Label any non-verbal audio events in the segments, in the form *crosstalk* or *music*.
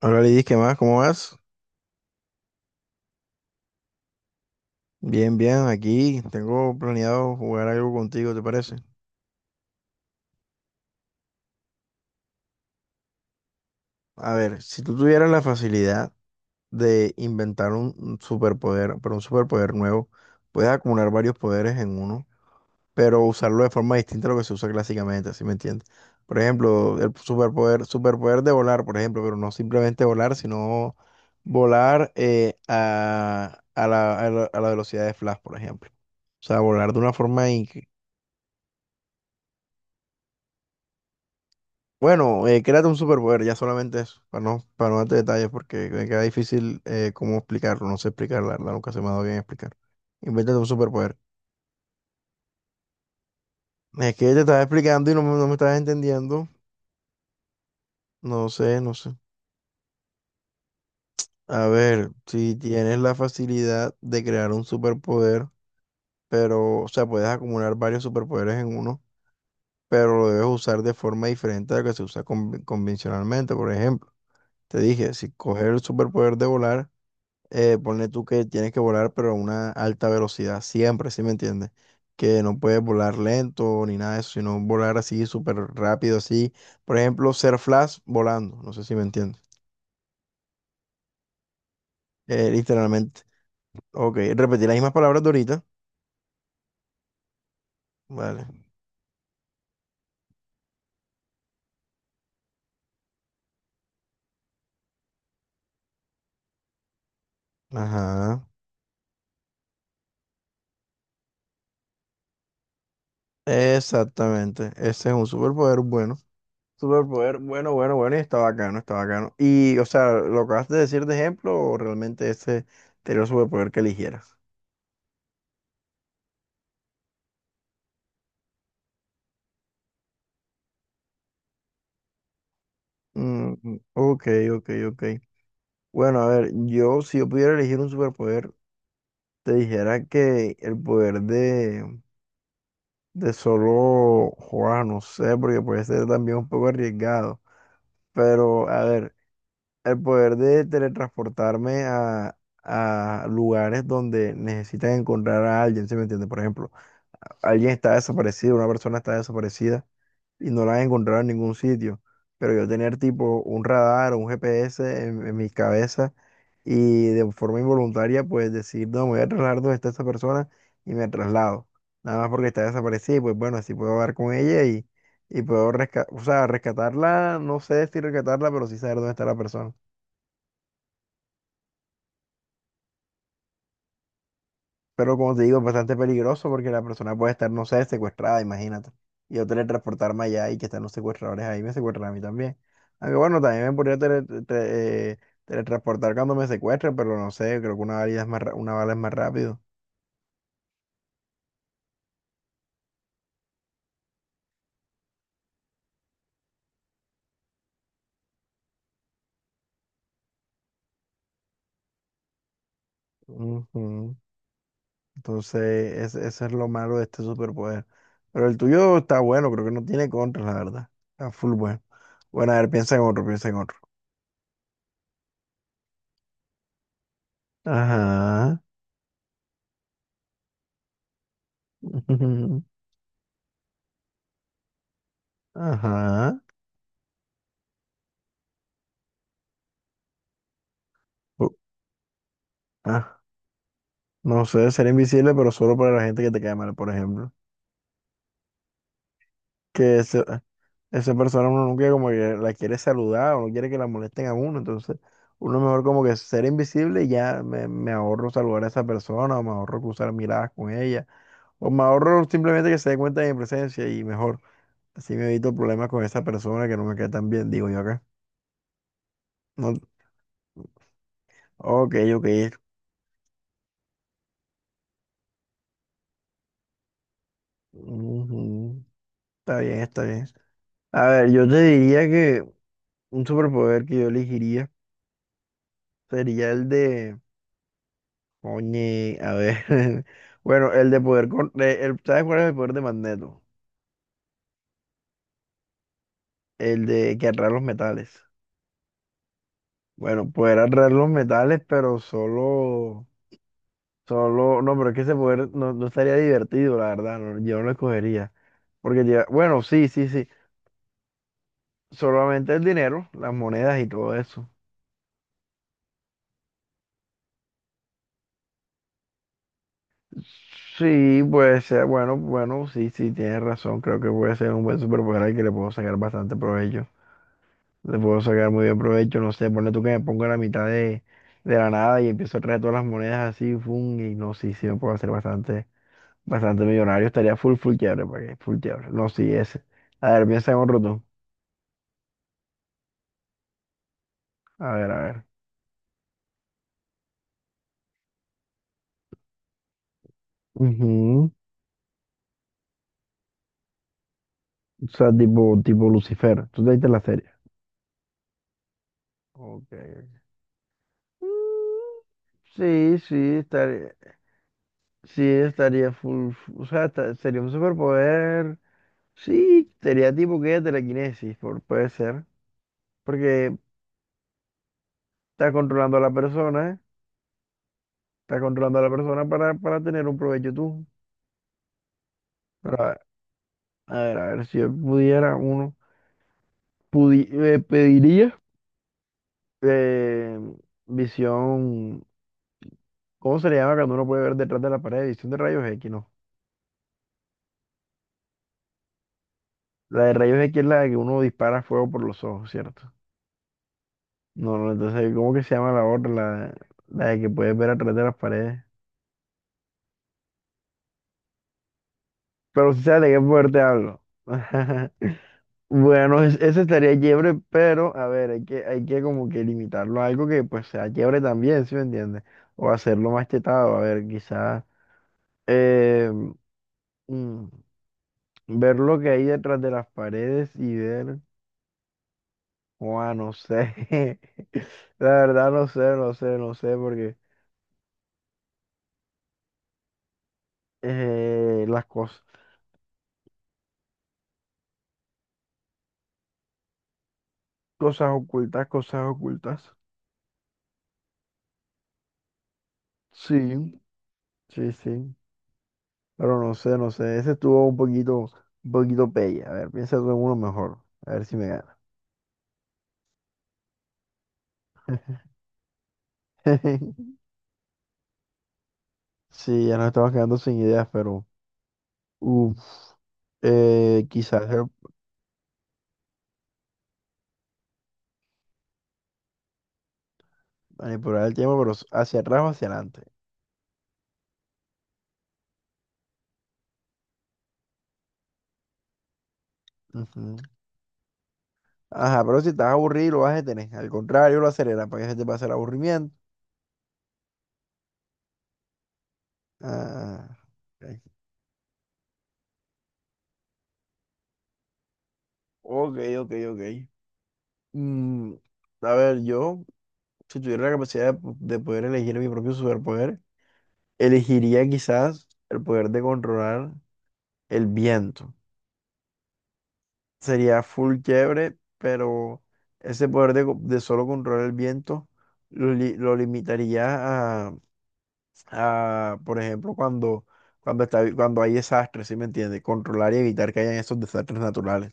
Hola Lidis, ¿qué más? ¿Cómo vas? Bien, bien, aquí tengo planeado jugar algo contigo, ¿te parece? A ver, si tú tuvieras la facilidad de inventar un superpoder, pero un superpoder nuevo, puedes acumular varios poderes en uno, pero usarlo de forma distinta a lo que se usa clásicamente, ¿sí me entiendes? Por ejemplo, el superpoder de volar, por ejemplo, pero no simplemente volar, sino volar a, a la velocidad de Flash, por ejemplo. O sea, volar de una forma increíble. Bueno, créate un superpoder, ya solamente eso, para no darte detalles, porque me queda difícil cómo explicarlo, no sé explicar, la verdad, nunca se me ha dado bien explicar. Invéntate un superpoder. Es que te estaba explicando y no me estabas entendiendo, no sé. A ver, si tienes la facilidad de crear un superpoder, pero, o sea, puedes acumular varios superpoderes en uno, pero lo debes usar de forma diferente a la que se usa convencionalmente, por ejemplo. Te dije, si coger el superpoder de volar, ponle tú que tienes que volar, pero a una alta velocidad, siempre, ¿sí me entiendes? Que no puedes volar lento ni nada de eso, sino volar así súper rápido, así. Por ejemplo, ser Flash volando, no sé si me entiendes. Literalmente. Ok, repetir las mismas palabras de ahorita. Vale. Ajá. Exactamente. Ese es un superpoder bueno. Superpoder bueno, bueno, bueno, y está bacano, está bacano. Y, o sea, ¿lo acabas de decir de ejemplo o realmente ese sería el superpoder que eligieras? Mm, mm, ok, ok, ok. Bueno, a ver, yo si yo pudiera elegir un superpoder, te dijera que el poder de solo jugar, no sé, porque puede ser también un poco arriesgado. Pero, a ver, el poder de teletransportarme a lugares donde necesitan encontrar a alguien, ¿sí me entiendes? Por ejemplo, alguien está desaparecido, una persona está desaparecida y no la han encontrado en ningún sitio. Pero yo tener tipo un radar o un GPS en mi cabeza y de forma involuntaria pues decir, no, me voy a trasladar donde está esa persona y me traslado. Nada más porque está desaparecida y pues bueno, así puedo hablar con ella y puedo rescatar, o sea, rescatarla, no sé si rescatarla, pero sí saber dónde está la persona. Pero como te digo, es bastante peligroso porque la persona puede estar, no sé, secuestrada, imagínate. Y yo teletransportarme allá y que están los secuestradores ahí, me secuestran a mí también. Aunque bueno, también me podría teletransportar cuando me secuestren, pero no sé, creo que una bala es una bala es más rápido. Ujú. Entonces, eso es lo malo de este superpoder. Pero el tuyo está bueno, creo que no tiene contra, la verdad. Está full bueno. Bueno, a ver, piensa en otro, piensa en otro. Ajá. *laughs* Ajá. U- Ajá. No sé, ser invisible, pero solo para la gente que te cae mal, por ejemplo. Que ese- Esa persona uno nunca como que la quiere saludar o no quiere que la molesten a uno, entonces uno mejor como que ser invisible y ya me ahorro saludar a esa persona o me ahorro cruzar miradas con ella o me ahorro simplemente que se dé cuenta de mi presencia y mejor, así me evito problemas con esa persona que no me cae tan bien, digo yo acá. No, ok, ok. Ujú. Está bien, está bien. A ver, yo te diría que un superpoder que yo elegiría sería el de... Oye, a ver. *laughs* Bueno, el de poder... ¿sabes cuál es el poder de Magneto? El de que atrae los metales. Bueno, poder atraer los metales, pero solo. Solo. No, pero es que ese poder no estaría divertido, la verdad. No, yo no lo escogería. Bueno, sí, sí, sí. Solamente el dinero, las monedas y todo eso. Sí, puede ser. Bueno, bueno, sí, sí, tienes razón. Creo que puede ser un buen superpoder al que le puedo sacar bastante provecho. Le puedo sacar muy bien provecho, no sé, ponle tú que me pongo a la mitad de la nada y empiezo a traer todas las monedas así, fum, y no, sí, sí me puedo hacer bastante, bastante millonario, estaría full, full quiebre, ¿para qué? Full quiebre, no, sí, ese. A ver, piensa en otro tú. A ver, a ver. Ujú. O sea, tipo, tipo Lucifer, tú te viste la serie. Ok. Mm. Sí, sí, estaría full, sería un superpoder, sí, sería tipo que telequinesis, por, puede ser, porque... Estás controlando a la persona, ¿eh? Estás controlando a la persona para tener un provecho tú. Pero a ver, a ver, si yo pudiera uno, pediría eh, visión. ¿Cómo se le llama cuando uno puede ver detrás de la pared? Visión de rayos X, no. La de rayos X es la de que uno dispara fuego por los ojos, ¿cierto? No, no, entonces, ¿cómo que se llama la otra? La de que puedes ver atrás de las paredes. Pero si sabes de qué poder te hablo. *laughs* Bueno, ese estaría chévere, pero a ver, hay que como que limitarlo a algo que pues sea chévere también, ¿sí me entiendes? O hacerlo más chetado, a ver, quizás eh, mm, ver lo que hay detrás de las paredes y ver, Juan, no sé, *laughs* la verdad no sé, no sé, no sé, porque las cosas, cosas ocultas, sí, sí, sí, pero no sé, no sé, ese estuvo un poquito pelle, a ver, piensa tú en uno mejor, a ver si me gana. *laughs* Sí, ya nos estamos quedando sin ideas, pero uf, quizás manipular el tiempo, pero hacia atrás o hacia adelante. Ujú. Ajá, pero si estás aburrido, lo vas a detener. Al contrario, lo aceleras para que se te pase el aburrimiento. Ah, ok, ok, ok. Ok. Mm, a ver, yo, si tuviera la capacidad de, de poder elegir mi propio superpoder, elegiría quizás el poder de controlar el viento. Sería full chévere, pero ese poder de, de solo controlar el viento lo limitaría a, a, por ejemplo, cuando hay desastres, ¿sí me entiendes? Controlar y evitar que hayan esos desastres naturales.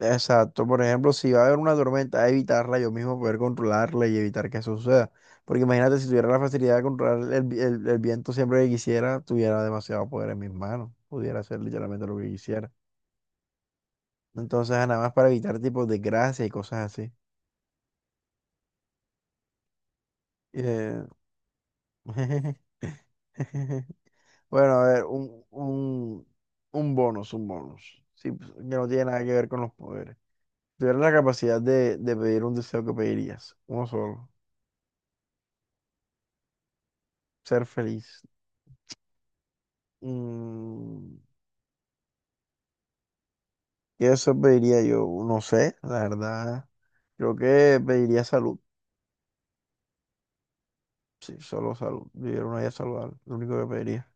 Exacto, por ejemplo, si va a haber una tormenta, evitarla yo mismo, poder controlarla y evitar que eso suceda. Porque imagínate, si tuviera la facilidad de controlar el, el viento siempre que quisiera, tuviera demasiado poder en mis manos, pudiera hacer literalmente lo que quisiera. Entonces, nada más para evitar tipos de gracia y cosas así. Eh, *laughs* bueno, a ver, un bonus, un bonus. Sí, pues, que no tiene nada que ver con los poderes. Si tuvieras la capacidad de pedir un deseo, que pedirías? Uno solo. Ser feliz. Mm, ¿qué eso pediría yo? No sé, la verdad. Creo que pediría salud. Sí, solo salud. Vivir una vida saludable, lo único que pediría.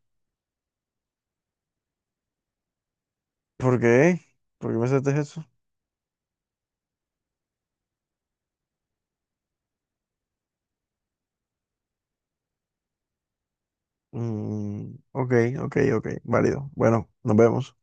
¿Por qué? ¿Por qué me haces eso? Mm, ok, ok, ok, válido. Bueno, nos vemos.